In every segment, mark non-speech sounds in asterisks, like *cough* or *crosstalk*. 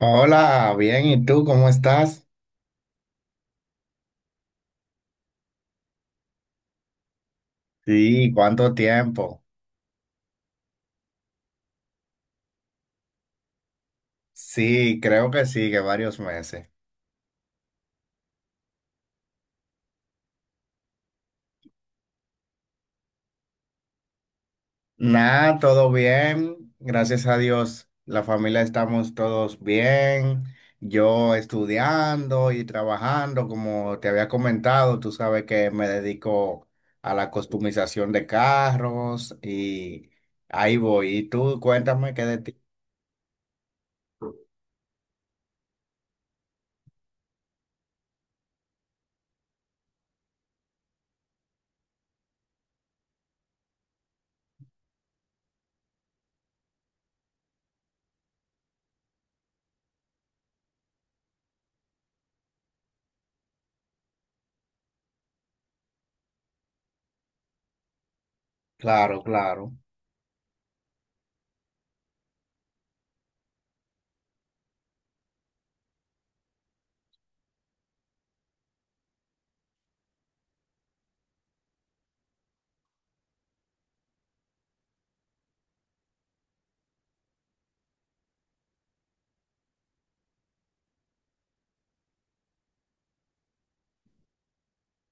Hola, bien, ¿y tú cómo estás? Sí, ¿cuánto tiempo? Sí, creo que sí, que varios meses. Nada, todo bien, gracias a Dios, la familia estamos todos bien, yo estudiando y trabajando, como te había comentado, tú sabes que me dedico a la customización de carros y ahí voy. ¿Y tú cuéntame qué de ti? Claro, claro,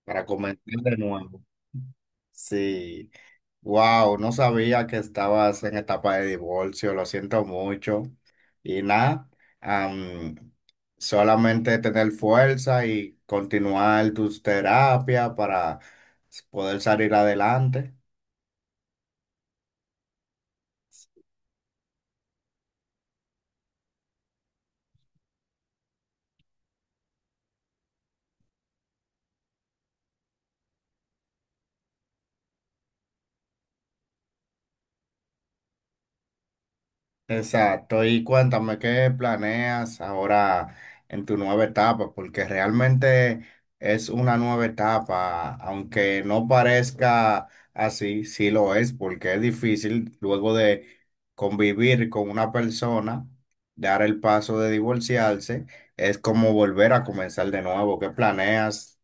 para comentar de nuevo. Sí. Wow, no sabía que estabas en etapa de divorcio, lo siento mucho. Y nada, am, solamente tener fuerza y continuar tus terapias para poder salir adelante. Exacto, y cuéntame qué planeas ahora en tu nueva etapa, porque realmente es una nueva etapa, aunque no parezca así, sí lo es, porque es difícil luego de convivir con una persona, dar el paso de divorciarse, es como volver a comenzar de nuevo. ¿Qué planeas?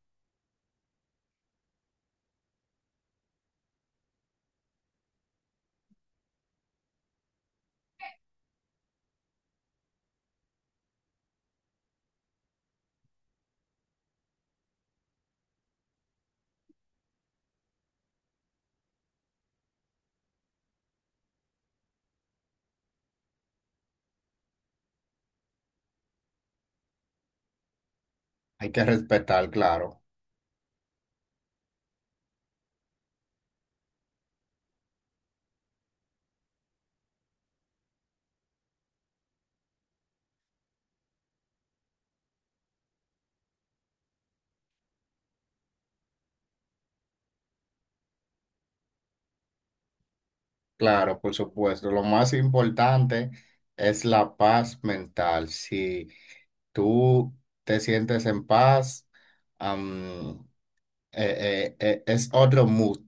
Hay que respetar, claro, claro, por supuesto. Lo más importante es la paz mental, sí. Tú te sientes en paz. am, es otro mood.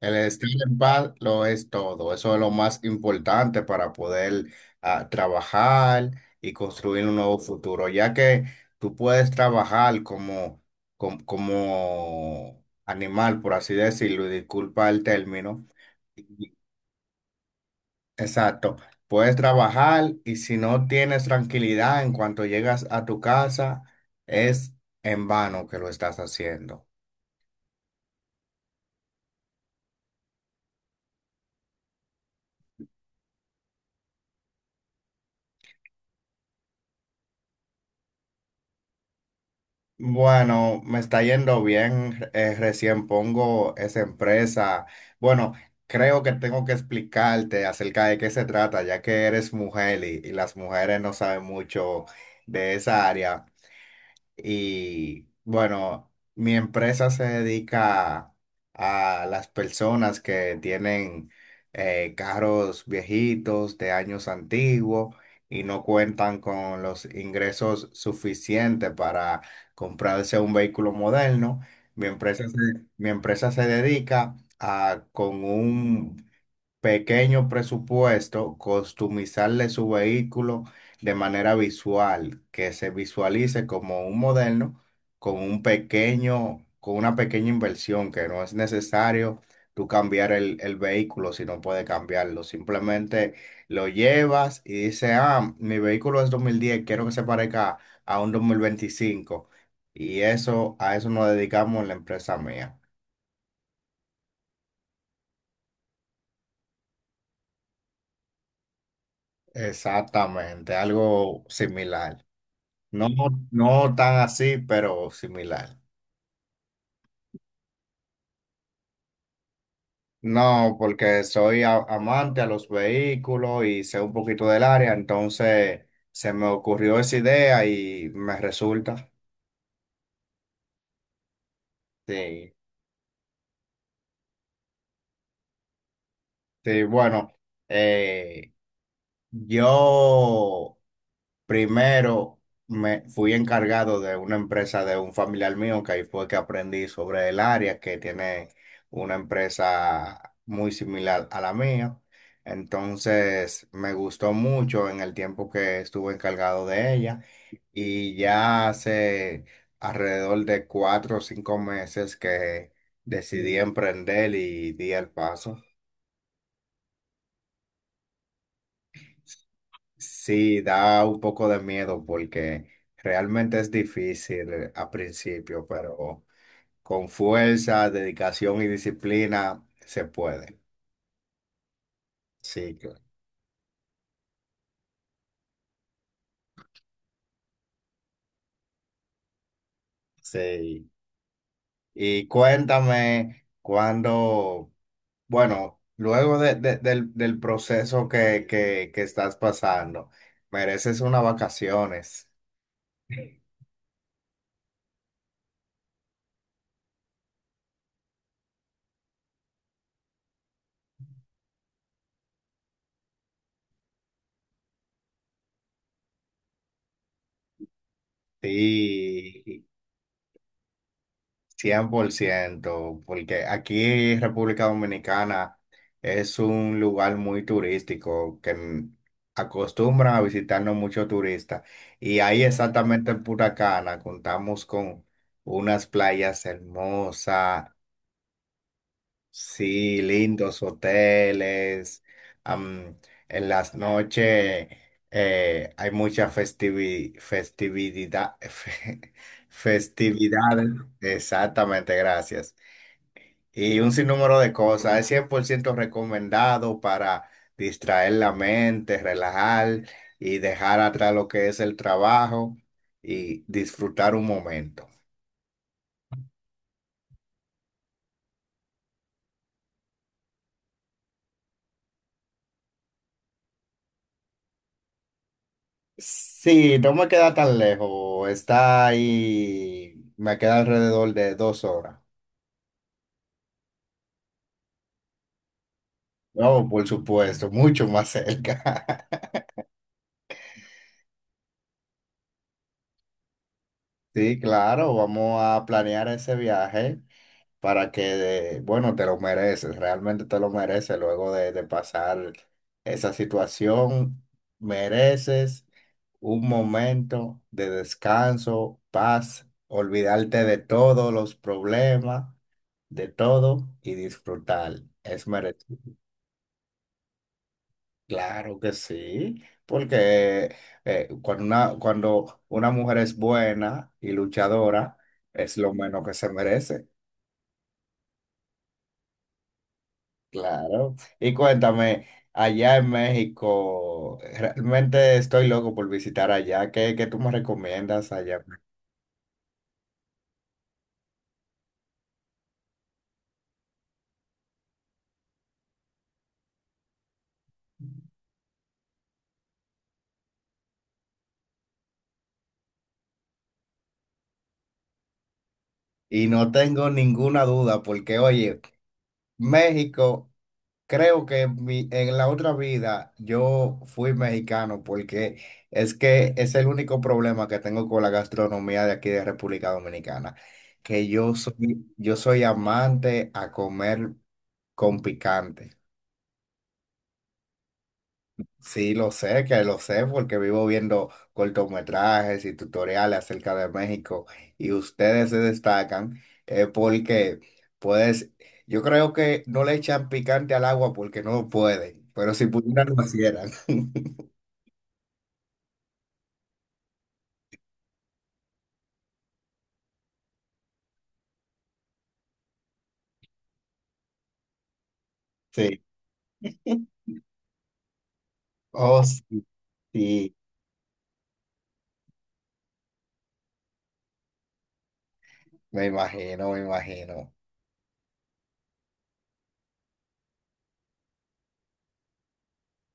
El estar en paz lo es todo. Eso es lo más importante para poder trabajar y construir un nuevo futuro, ya que tú puedes trabajar como animal, por así decirlo, y disculpa el término. Exacto. Puedes trabajar y si no tienes tranquilidad en cuanto llegas a tu casa, es en vano que lo estás haciendo. Bueno, me está yendo bien. Recién pongo esa empresa. Bueno, creo que tengo que explicarte acerca de qué se trata, ya que eres mujer y las mujeres no saben mucho de esa área. Y bueno, mi empresa se dedica a las personas que tienen carros viejitos de años antiguos y no cuentan con los ingresos suficientes para comprarse un vehículo moderno. Mi empresa se, Mi empresa se dedica a con un pequeño presupuesto, customizarle su vehículo de manera visual, que se visualice como un moderno con un pequeño, con una pequeña inversión, que no es necesario tú cambiar el vehículo si no puedes cambiarlo. Simplemente lo llevas y dices, ah, mi vehículo es 2010, quiero que se parezca a un 2025. Y eso, a eso nos dedicamos en la empresa mía. Exactamente, algo similar. No, no tan así, pero similar. No, porque soy amante a los vehículos y sé un poquito del área, entonces se me ocurrió esa idea y me resulta. Sí, sí, bueno, eh, yo primero me fui encargado de una empresa de un familiar mío, que ahí fue que aprendí sobre el área, que tiene una empresa muy similar a la mía. Entonces me gustó mucho en el tiempo que estuve encargado de ella y ya hace alrededor de 4 o 5 meses que decidí emprender y di el paso. Sí, da un poco de miedo porque realmente es difícil a principio, pero con fuerza, dedicación y disciplina se puede. Sí, cl- sí. Y cuéntame cuando, bueno, luego del proceso que estás pasando, mereces unas vacaciones. Sí. 100%, porque aquí en República Dominicana es un lugar muy turístico que acostumbran a visitarnos muchos turistas. Y ahí exactamente en Punta Cana contamos con unas playas hermosas, sí, lindos hoteles. am, en las noches hay mucha festividad, *laughs* festividades. Exactamente, gracias. Y un sinnúmero de cosas. Es 100% recomendado para distraer la mente, relajar y dejar atrás lo que es el trabajo y disfrutar un momento. Sí, no me queda tan lejos. Está ahí, me queda alrededor de 2 horas. No, por supuesto, mucho más cerca. *laughs* Sí, claro, vamos a planear ese viaje. Para que, bueno, te lo mereces, realmente te lo mereces luego de pasar esa situación, mereces un momento de descanso, paz, olvidarte de todos los problemas, de todo y disfrutar. Es merecido. Claro que sí, porque cuando una mujer es buena y luchadora, es lo menos que se merece. Claro. Y cuéntame, allá en México, realmente estoy loco por visitar allá. ¿Qué tú me recomiendas allá? Y no tengo ninguna duda porque, oye, México, creo que en la otra vida yo fui mexicano porque es que es el único problema que tengo con la gastronomía de aquí de República Dominicana, que yo soy amante a comer con picante. Sí, lo sé, que lo sé, porque vivo viendo cortometrajes y tutoriales acerca de México y ustedes se destacan porque, puedes. Yo creo que no le echan picante al agua porque no pueden, pero si pudieran lo hicieran. *laughs* Sí. Oh, sí, sí, me imagino, me imagino.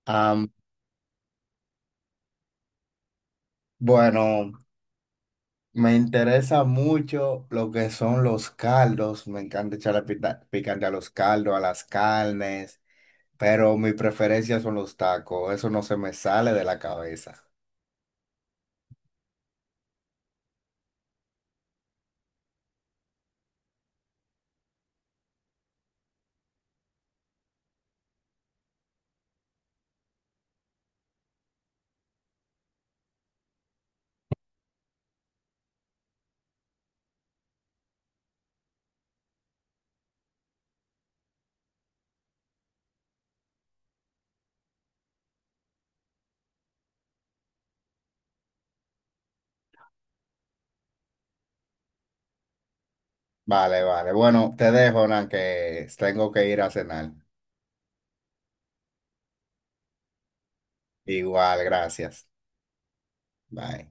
Am, bueno, me interesa mucho lo que son los caldos, me encanta echarle picante a los caldos, a las carnes. Pero mi preferencia son los tacos, eso no se me sale de la cabeza. Vale, vale. Bueno, te dejo, Nan, que tengo que ir a cenar. Igual, gracias. Bye.